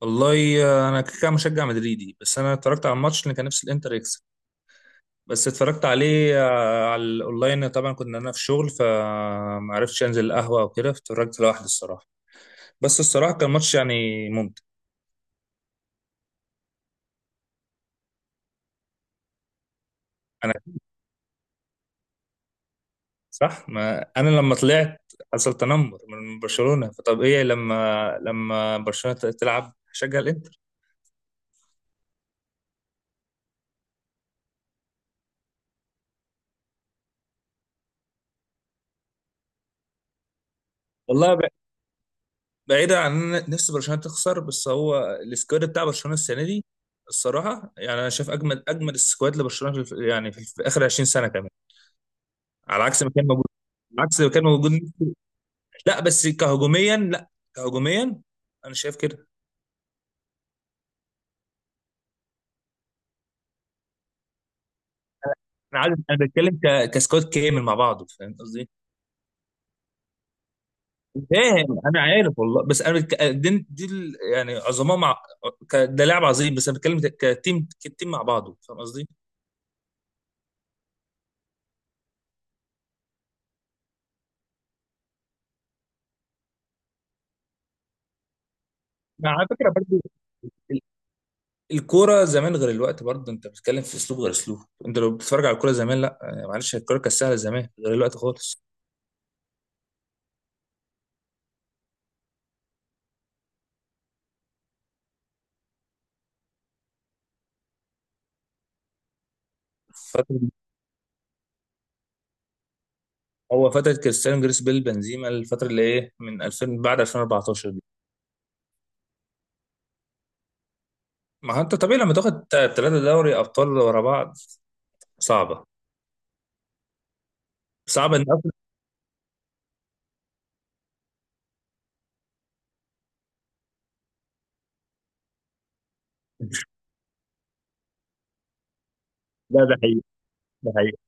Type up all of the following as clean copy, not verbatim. والله انا كده كده مشجع مدريدي، بس انا اتفرجت على الماتش اللي كان نفسي الانتر يكسب. بس اتفرجت عليه على الاونلاين. طبعا كنت انا في شغل فما عرفتش انزل القهوه وكده، اتفرجت لوحدي الصراحه. بس الصراحه كان ماتش يعني ممتع. انا صح، ما انا لما طلعت حصل تنمر من برشلونه، فطب ايه لما برشلونه تلعب هشجع الانتر. والله بعيدا عن ان أنا نفسي برشلونه تخسر، بس هو السكواد بتاع برشلونه السنه دي الصراحه يعني انا شايف اجمد اجمد السكواد لبرشلونه في يعني في اخر 20 سنه كمان، على عكس ما كان موجود. على عكس ما كان موجود. لا بس كهجوميا، لا كهجوميا. انا شايف كده. انا عارف انا بتكلم كسكواد كامل مع بعضه، فاهم قصدي؟ فاهم، انا عارف والله، بس انا بتك... دي, دي ال- يعني عظماء مع ده لاعب عظيم، بس انا بتكلم كتيم كتيم مع بعضه، فاهم قصدي؟ على فكره برضه، الكوره زمان غير الوقت، برضه انت بتتكلم في اسلوب غير اسلوب. انت لو بتتفرج على الكوره زمان، لا معلش، الكوره كانت سهله زمان غير الوقت خالص. فترة هو فتره كريستيانو، جريس بيل، بنزيما، الفتره اللي ايه من 2000 بعد 2014 دي. ما هو انت طبيعي لما تاخد ثلاثه دوري ابطال ورا بعض. صعبه، صعبه ان أفريقيا. لا ده حقيقي. ده حقيقي.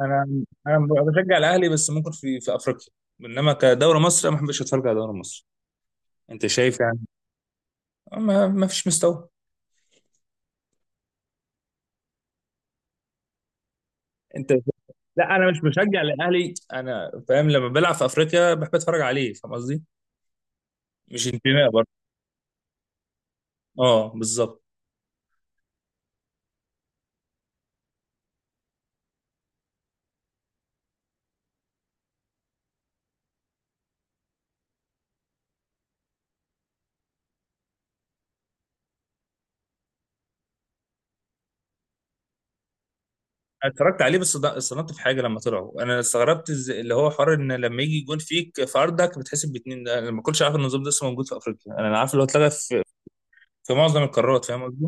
انا انا بشجع الاهلي بس ممكن في افريقيا، انما كدوري مصر أنا ما بحبش اتفرج على دوري مصر. انت شايف يعني ما فيش مستوى. انت لا انا مش بشجع الاهلي، انا فاهم لما بلعب في افريقيا بحب اتفرج عليه، فاهم قصدي؟ مش انتماء برضه. اه بالظبط. أنا اتفرجت عليه، بس استغربت في حاجه. لما طلعوا انا استغربت اللي هو حوار ان لما يجي جون فيك في ارضك بتحسب باتنين. ده انا ما كنتش عارف إن النظام ده لسه موجود في افريقيا، انا عارف اللي هو اتلغى في معظم القارات، فاهم قصدي؟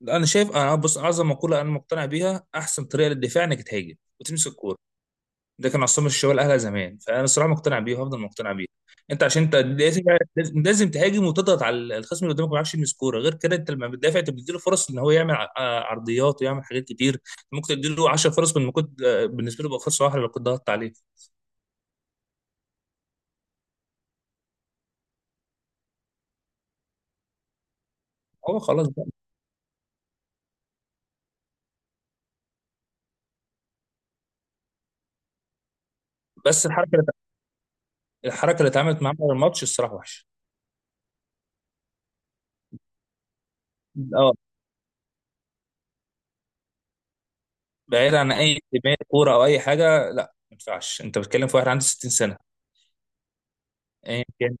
لا، انا شايف، انا بص، اعظم مقوله انا مقتنع بيها، احسن طريقه للدفاع انك تهاجم وتمسك الكوره. ده كان عصام الشوالي الاهلي زمان، فانا الصراحه مقتنع بيه وهفضل مقتنع بيه. انت عشان انت لازم تهاجم وتضغط على الخصم اللي قدامك، ما يعرفش يلمس كوره غير كده. انت لما بتدافع انت بتديله فرص ان هو يعمل عرضيات ويعمل حاجات كتير. ممكن تديله 10 فرص من ما كنت، بالنسبه له بقى فرصه واحده لو كنت ضغطت عليه. هو خلاص بقى، بس الحركه اللي اتعملت معاه في الماتش الصراحه وحشه. اه بعيد عن اي انتماء كوره او اي حاجه، لا ما ينفعش انت بتتكلم في واحد عنده 60 سنه، ايا كان.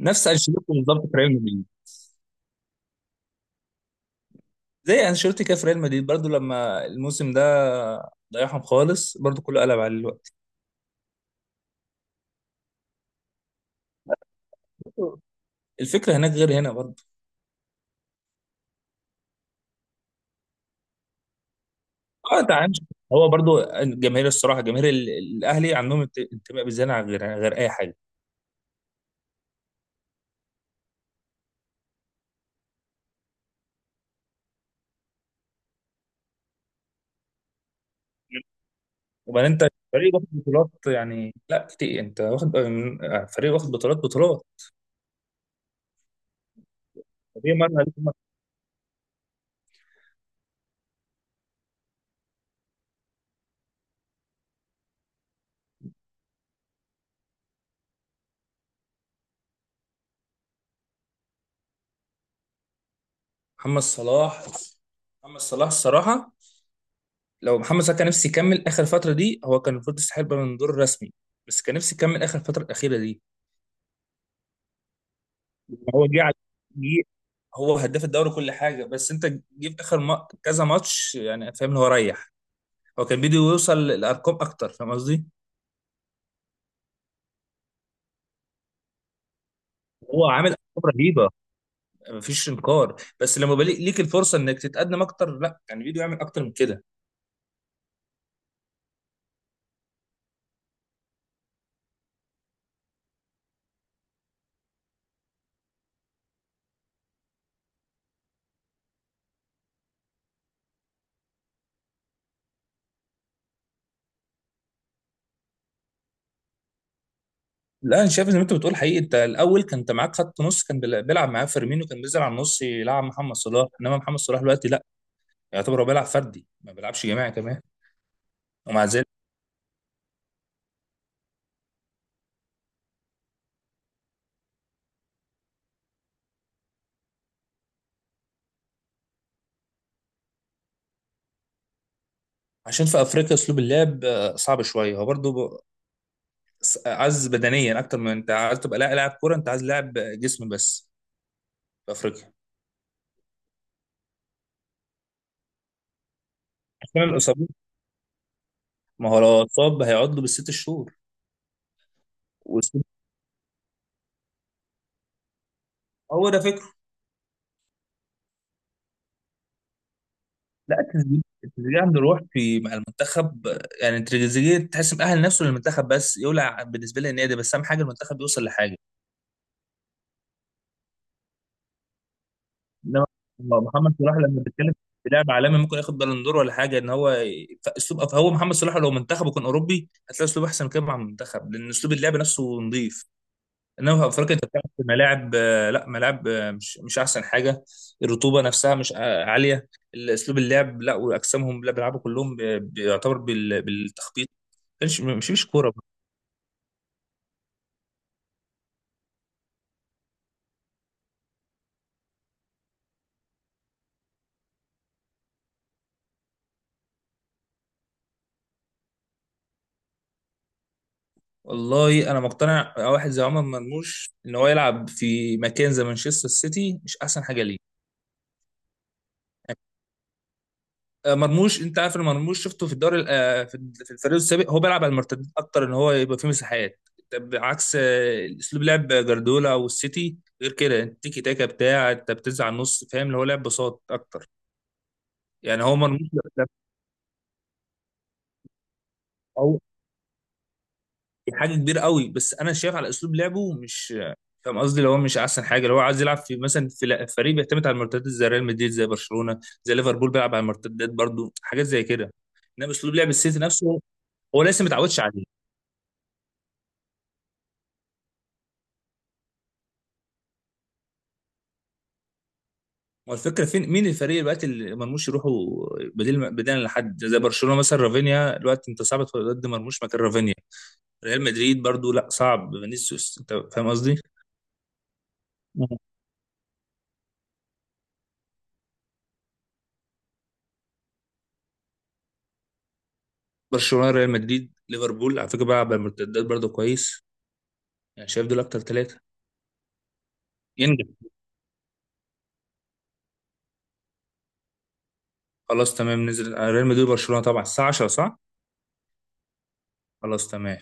نفس انشيلوتي بالظبط في ريال مدريد، زي انشيلوتي كده في ريال مدريد برضو، لما الموسم ده ضيعهم خالص برضو كله قلب عليه الوقت. الفكره هناك غير هنا برضو. اه انت عارف، هو برضو الجماهير الصراحه جماهير الاهلي عندهم انتماء بالزياده عن غير اي حاجه. وبعدين انت فريق واخد بطولات يعني، لا كتير انت واخد فريق واخد بطولات بطولات. طبيعي، مرة عليك مرة. محمد صلاح. محمد صلاح الصراحه، لو محمد صلاح كان نفسي يكمل اخر فتره دي، هو كان المفروض يستحق بالون دور رسمي. بس كان نفسي يكمل اخر الفتره الاخيره دي. هو جه على- جه- هو هداف الدوري كل حاجه، بس انت جه في اخر ما... كذا ماتش يعني، فاهم اللي هو ريح. هو كان بده يوصل لارقام اكتر، فاهم قصدي؟ هو عامل ارقام رهيبه، مفيش انكار، بس لما بليك ليك الفرصه انك تتقدم اكتر، لا كان بده يعمل اكتر من كده. لا انا شايف زي ما انت بتقول حقيقي، انت الاول كان انت معاك خط نص كان بيلعب معاه فيرمينو، كان بينزل على النص يلعب محمد صلاح، انما محمد صلاح دلوقتي لا، يعتبر هو بيلعب فردي، ما بيلعبش جماعي كمان. ومع ذلك، عشان في افريقيا اسلوب اللعب صعب شويه، هو برضه عايز بدنيا اكتر، من انت عايز تبقى لاعب كوره، انت عايز لاعب جسم بس في افريقيا. عشان الاصابات، ما هو لو اتصاب هيقعد له بالست شهور. والست- هو ده فكره. لا التريزيجيه، التريزيجيه عنده روح في مع المنتخب، يعني التريزيجيه تحس مأهل نفسه للمنتخب، بس يولع بالنسبه لي النادي، بس اهم حاجه المنتخب يوصل لحاجه. انما محمد صلاح لما بيتكلم، في لاعب عالمي ممكن ياخد بالون دور ولا حاجه، ان هو فاسلوب، هو محمد صلاح لو منتخبه كان اوروبي هتلاقي اسلوب احسن كده مع المنتخب، لان اسلوب اللعب نفسه نظيف. انما في افريقيا انت بتلعب في ملاعب لا ملاعب مش احسن حاجه، الرطوبه نفسها مش عاليه، اسلوب اللعب لا، واجسامهم لا، بيلعبوا كلهم بيعتبر بالتخبيط، مش كوره. والله انا مقتنع واحد زي عمر مرموش ان هو يلعب في مكان زي مانشستر سيتي مش احسن حاجه ليه. مرموش، انت عارف ان مرموش شفته في الدوري في في الفريق السابق هو بيلعب على المرتدات اكتر، ان هو يبقى فيه مساحات، طب عكس اسلوب لعب جاردولا والسيتي غير كده، التيكي تاكا بتاع انت بتنزل على النص، فاهم اللي هو لعب بساط اكتر. يعني هو مرموش ده- او دي حاجه كبيره قوي، بس انا شايف على اسلوب لعبه مش، فاهم قصدي اللي هو مش احسن حاجه، اللي هو عايز يلعب في مثلا في فريق بيعتمد على المرتدات زي ريال مدريد، زي برشلونه، زي ليفربول بيلعب على المرتدات برضو، حاجات زي كده. انما اسلوب لعب السيتي نفسه هو لسه متعودش عليه. هو الفكره فين مين الفريق دلوقتي اللي مرموش يروحوا، بديل لحد زي برشلونه؟ مثلا رافينيا دلوقتي انت صعب تدخل ضد مرموش مكان رافينيا، ريال مدريد برضو لا صعب، فينيسيوس، انت فاهم قصدي. مم. برشلونه، ريال مدريد، ليفربول على فكره بيلعب بالمرتدات برضو كويس، يعني شايف دول اكتر ثلاثه ينجح. خلاص تمام، نزل ريال مدريد وبرشلونه طبعا الساعه 10 صح؟ خلاص تمام.